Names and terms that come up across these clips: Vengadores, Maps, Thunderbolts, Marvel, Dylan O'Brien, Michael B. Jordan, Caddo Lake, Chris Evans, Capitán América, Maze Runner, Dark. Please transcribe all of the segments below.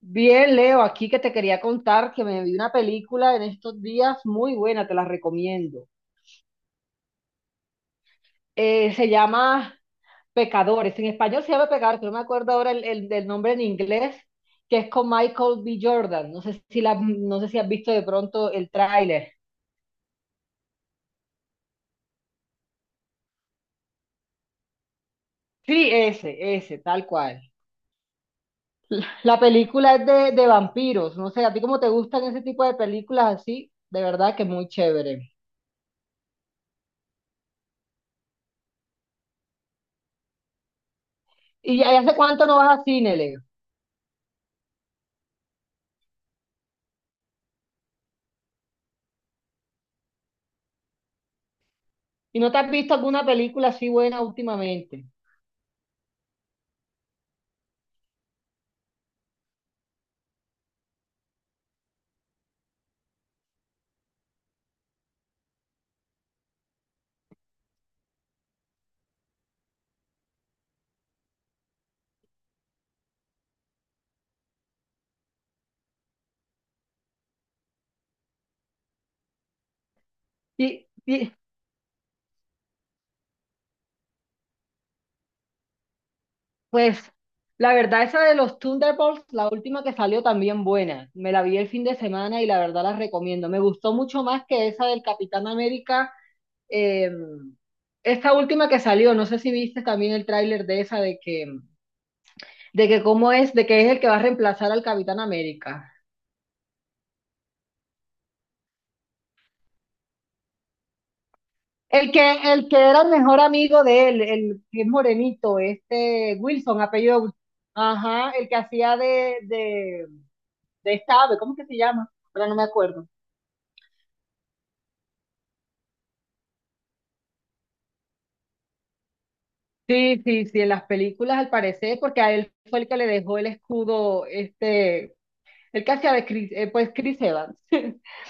Bien, Leo, aquí que te quería contar que me vi una película en estos días muy buena, te la recomiendo. Se llama Pecadores, en español se llama Pecadores, pero no me acuerdo ahora del nombre en inglés, que es con Michael B. Jordan. No sé si, no sé si has visto de pronto el tráiler. Sí, ese, tal cual. La película es de vampiros, no sé, a ti cómo te gustan ese tipo de películas así, de verdad que muy chévere. ¿Y hace cuánto no vas a cine, Leo? ¿Y no te has visto alguna película así buena últimamente? Y, y, pues la verdad esa de los Thunderbolts, la última que salió también buena. Me la vi el fin de semana y la verdad la recomiendo. Me gustó mucho más que esa del Capitán América. eh, Esta última que salió, no sé si viste también el tráiler de esa de que cómo es, de que es el que va a reemplazar al Capitán América. El que, el que era el mejor amigo de él, el que es morenito, este Wilson, apellido. Ajá, el que hacía de esta ave, ¿cómo que se llama? Ahora no me acuerdo. Sí, sí, sí, en las películas al parecer, porque a él fue el que le dejó el escudo, este, el que hacía de Chris, pues Chris Evans.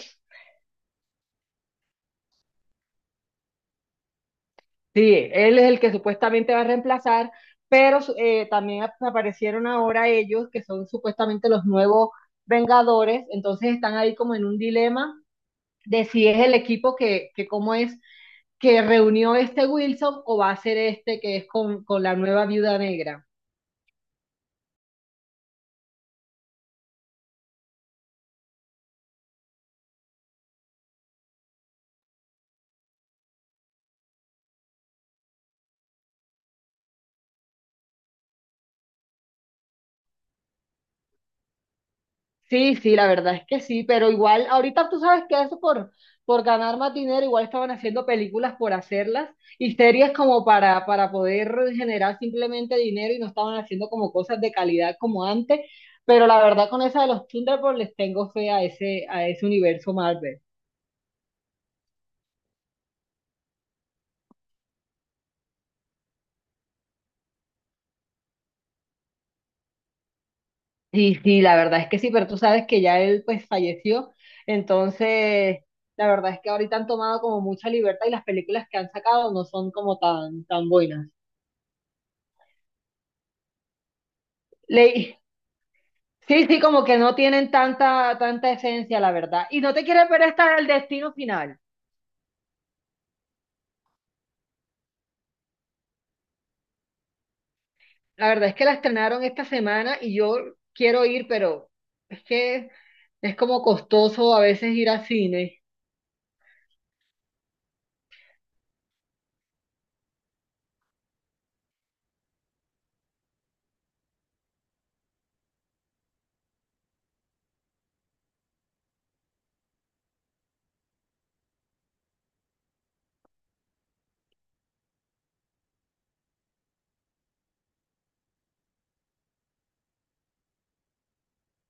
Sí, él es el que supuestamente va a reemplazar, pero también aparecieron ahora ellos, que son supuestamente los nuevos Vengadores, entonces están ahí como en un dilema de si es el equipo que cómo es, que reunió este Wilson o va a ser este que es con la nueva viuda negra. Sí, sí, la verdad es que sí, pero igual ahorita tú sabes que eso por ganar más dinero, igual estaban haciendo películas por hacerlas y series como para poder generar simplemente dinero y no estaban haciendo como cosas de calidad como antes, pero la verdad con esa de los Thunderbolts les tengo fe a ese universo Marvel. Sí, sí, la verdad es que sí, pero tú sabes que ya él pues falleció, entonces la verdad es que ahorita han tomado como mucha libertad y las películas que han sacado no son como tan buenas. Le- Sí, sí, como que no tienen tanta esencia, la verdad. Y no te quieres ver hasta el destino final. La verdad es que la estrenaron esta semana y yo quiero ir, pero es que es como costoso a veces ir al cine.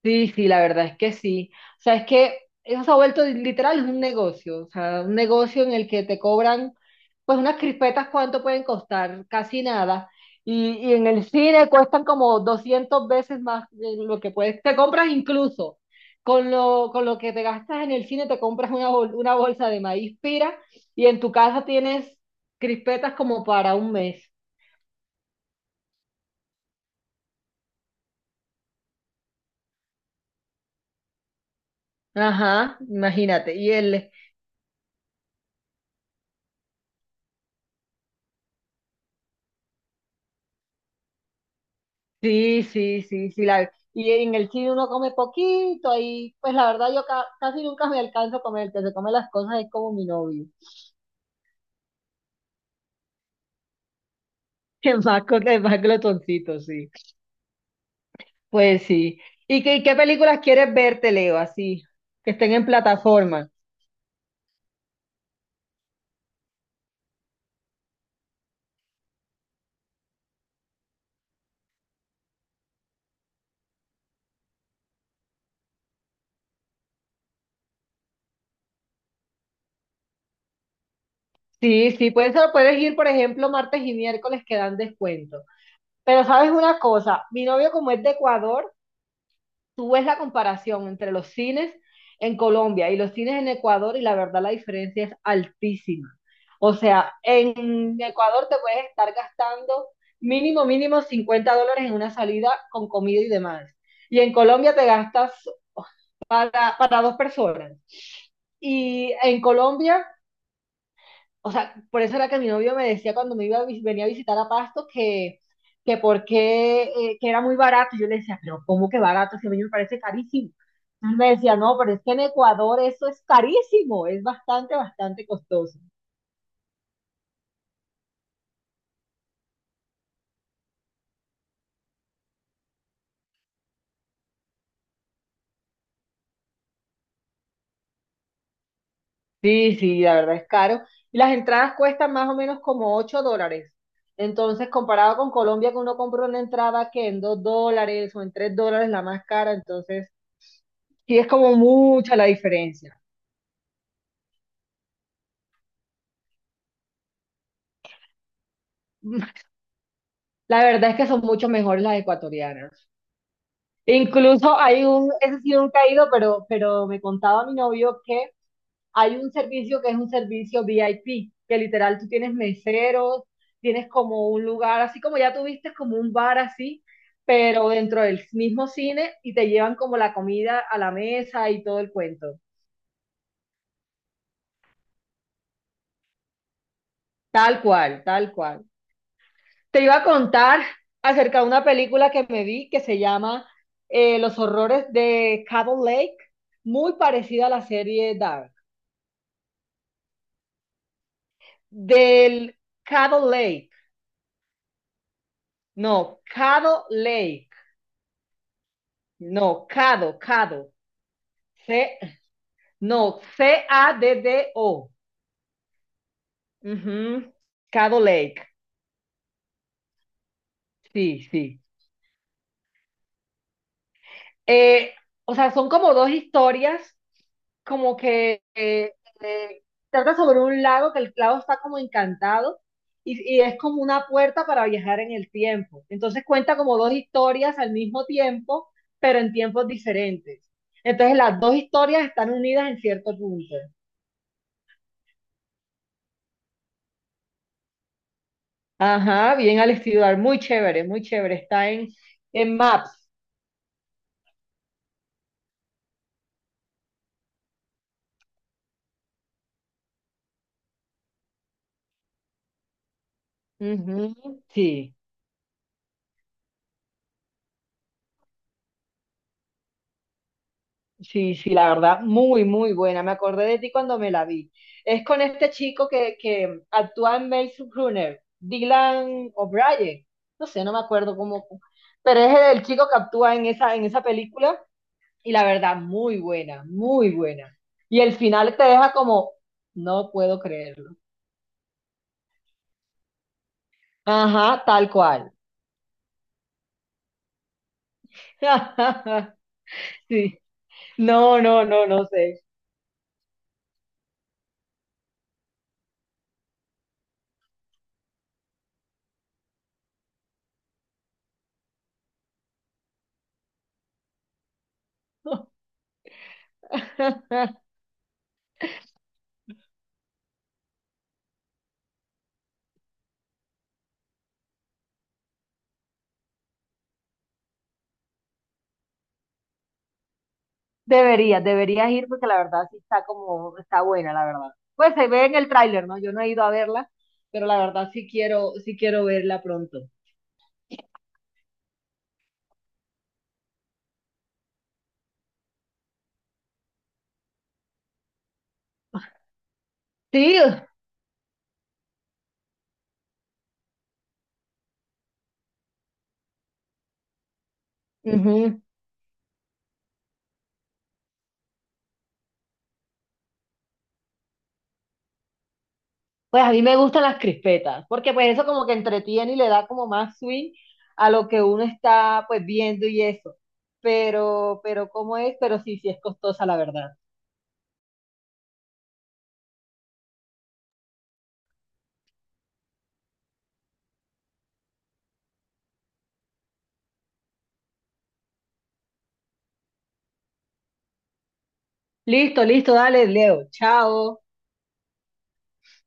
Sí, sí, la verdad es que sí. O sea, es que eso se ha vuelto literal un negocio, o sea, un negocio en el que te cobran, pues unas crispetas, ¿cuánto pueden costar? Casi nada. Y en el cine cuestan como 200 veces más de lo que puedes. Te compras incluso, con lo que te gastas en el cine, te compras una bolsa de maíz pira y en tu casa tienes crispetas como para un mes. Ajá, imagínate. Sí, sí, sí, sí. Y en el cine uno come poquito ahí. Pues la verdad yo casi nunca me alcanzo a comer. El que se come las cosas es como mi novio. Es más, el más glotoncito, sí. Pues sí. ¿Y qué películas quieres verte, Leo? Así, que estén en plataforma. Sí, sí, pues eso puedes ir, por ejemplo, martes y miércoles que dan descuento. Pero sabes una cosa, mi novio como es de Ecuador, tú ves la comparación entre los cines en Colombia y los cines en Ecuador y la verdad la diferencia es altísima. O sea, en Ecuador te puedes estar gastando mínimo, mínimo $50 en una salida con comida y demás. Y en Colombia te gastas oh, para dos personas. Y en Colombia, o sea, por eso era que mi novio me decía cuando me iba a venía a visitar a Pasto que por qué, que era muy barato. Y yo le decía, pero ¿cómo que barato? Si a mí me parece carísimo. Entonces me decía, no, pero es que en Ecuador eso es carísimo, es bastante costoso. Sí, sí, la verdad es caro. Y las entradas cuestan más o menos como $8. Entonces, comparado con Colombia, que uno compra una entrada que en $2 o en $3 la más cara, entonces sí es como mucha la diferencia. La verdad es que son mucho mejores las ecuatorianas. Incluso hay un, ese ha sido un caído, pero me contaba mi novio que hay un servicio que es un servicio VIP, que literal tú tienes meseros, tienes como un lugar, así como ya tuviste como un bar así, pero dentro del mismo cine y te llevan como la comida a la mesa y todo el cuento. Tal cual, tal cual. Te iba a contar acerca de una película que me vi que se llama Los horrores de Cabot Lake, muy parecida a la serie Dark. Del Cabot Lake, no, Caddo Lake, no, Cado, C, no, C-A-D-D-O, ujú, Caddo Lake, sí, sí. Eh, o sea, son como dos historias, como que eh, trata sobre un lago, que el lago está como encantado y es como una puerta para viajar en el tiempo. Entonces cuenta como dos historias al mismo tiempo, pero en tiempos diferentes. Entonces las dos historias están unidas en cierto punto. Ajá, bien al estudiar, muy chévere, muy chévere. Está en Maps. Ujú, sí. Sí, sí, la verdad, muy, muy buena. Me acordé de ti cuando me la vi. Es con este chico que actúa en Maze Runner, Dylan O'Brien. No sé, no me acuerdo cómo, pero es el chico que actúa en esa película y la verdad, muy buena, muy buena. Y el final te deja como, no puedo creerlo. Ajá, tal cual. Sí, no, no, no, no sé. Deberías, deberías ir porque la verdad sí está como, está buena, la verdad. Pues se ve en el tráiler, ¿no? Yo no he ido a verla, pero la verdad sí quiero verla pronto. Sí, ujú. Pues a mí me gustan las crispetas, porque pues eso como que entretiene y le da como más swing a lo que uno está pues viendo y eso. Pero ¿cómo es? Pero sí, sí es costosa, la verdad. Listo, listo, dale, Leo. Chao.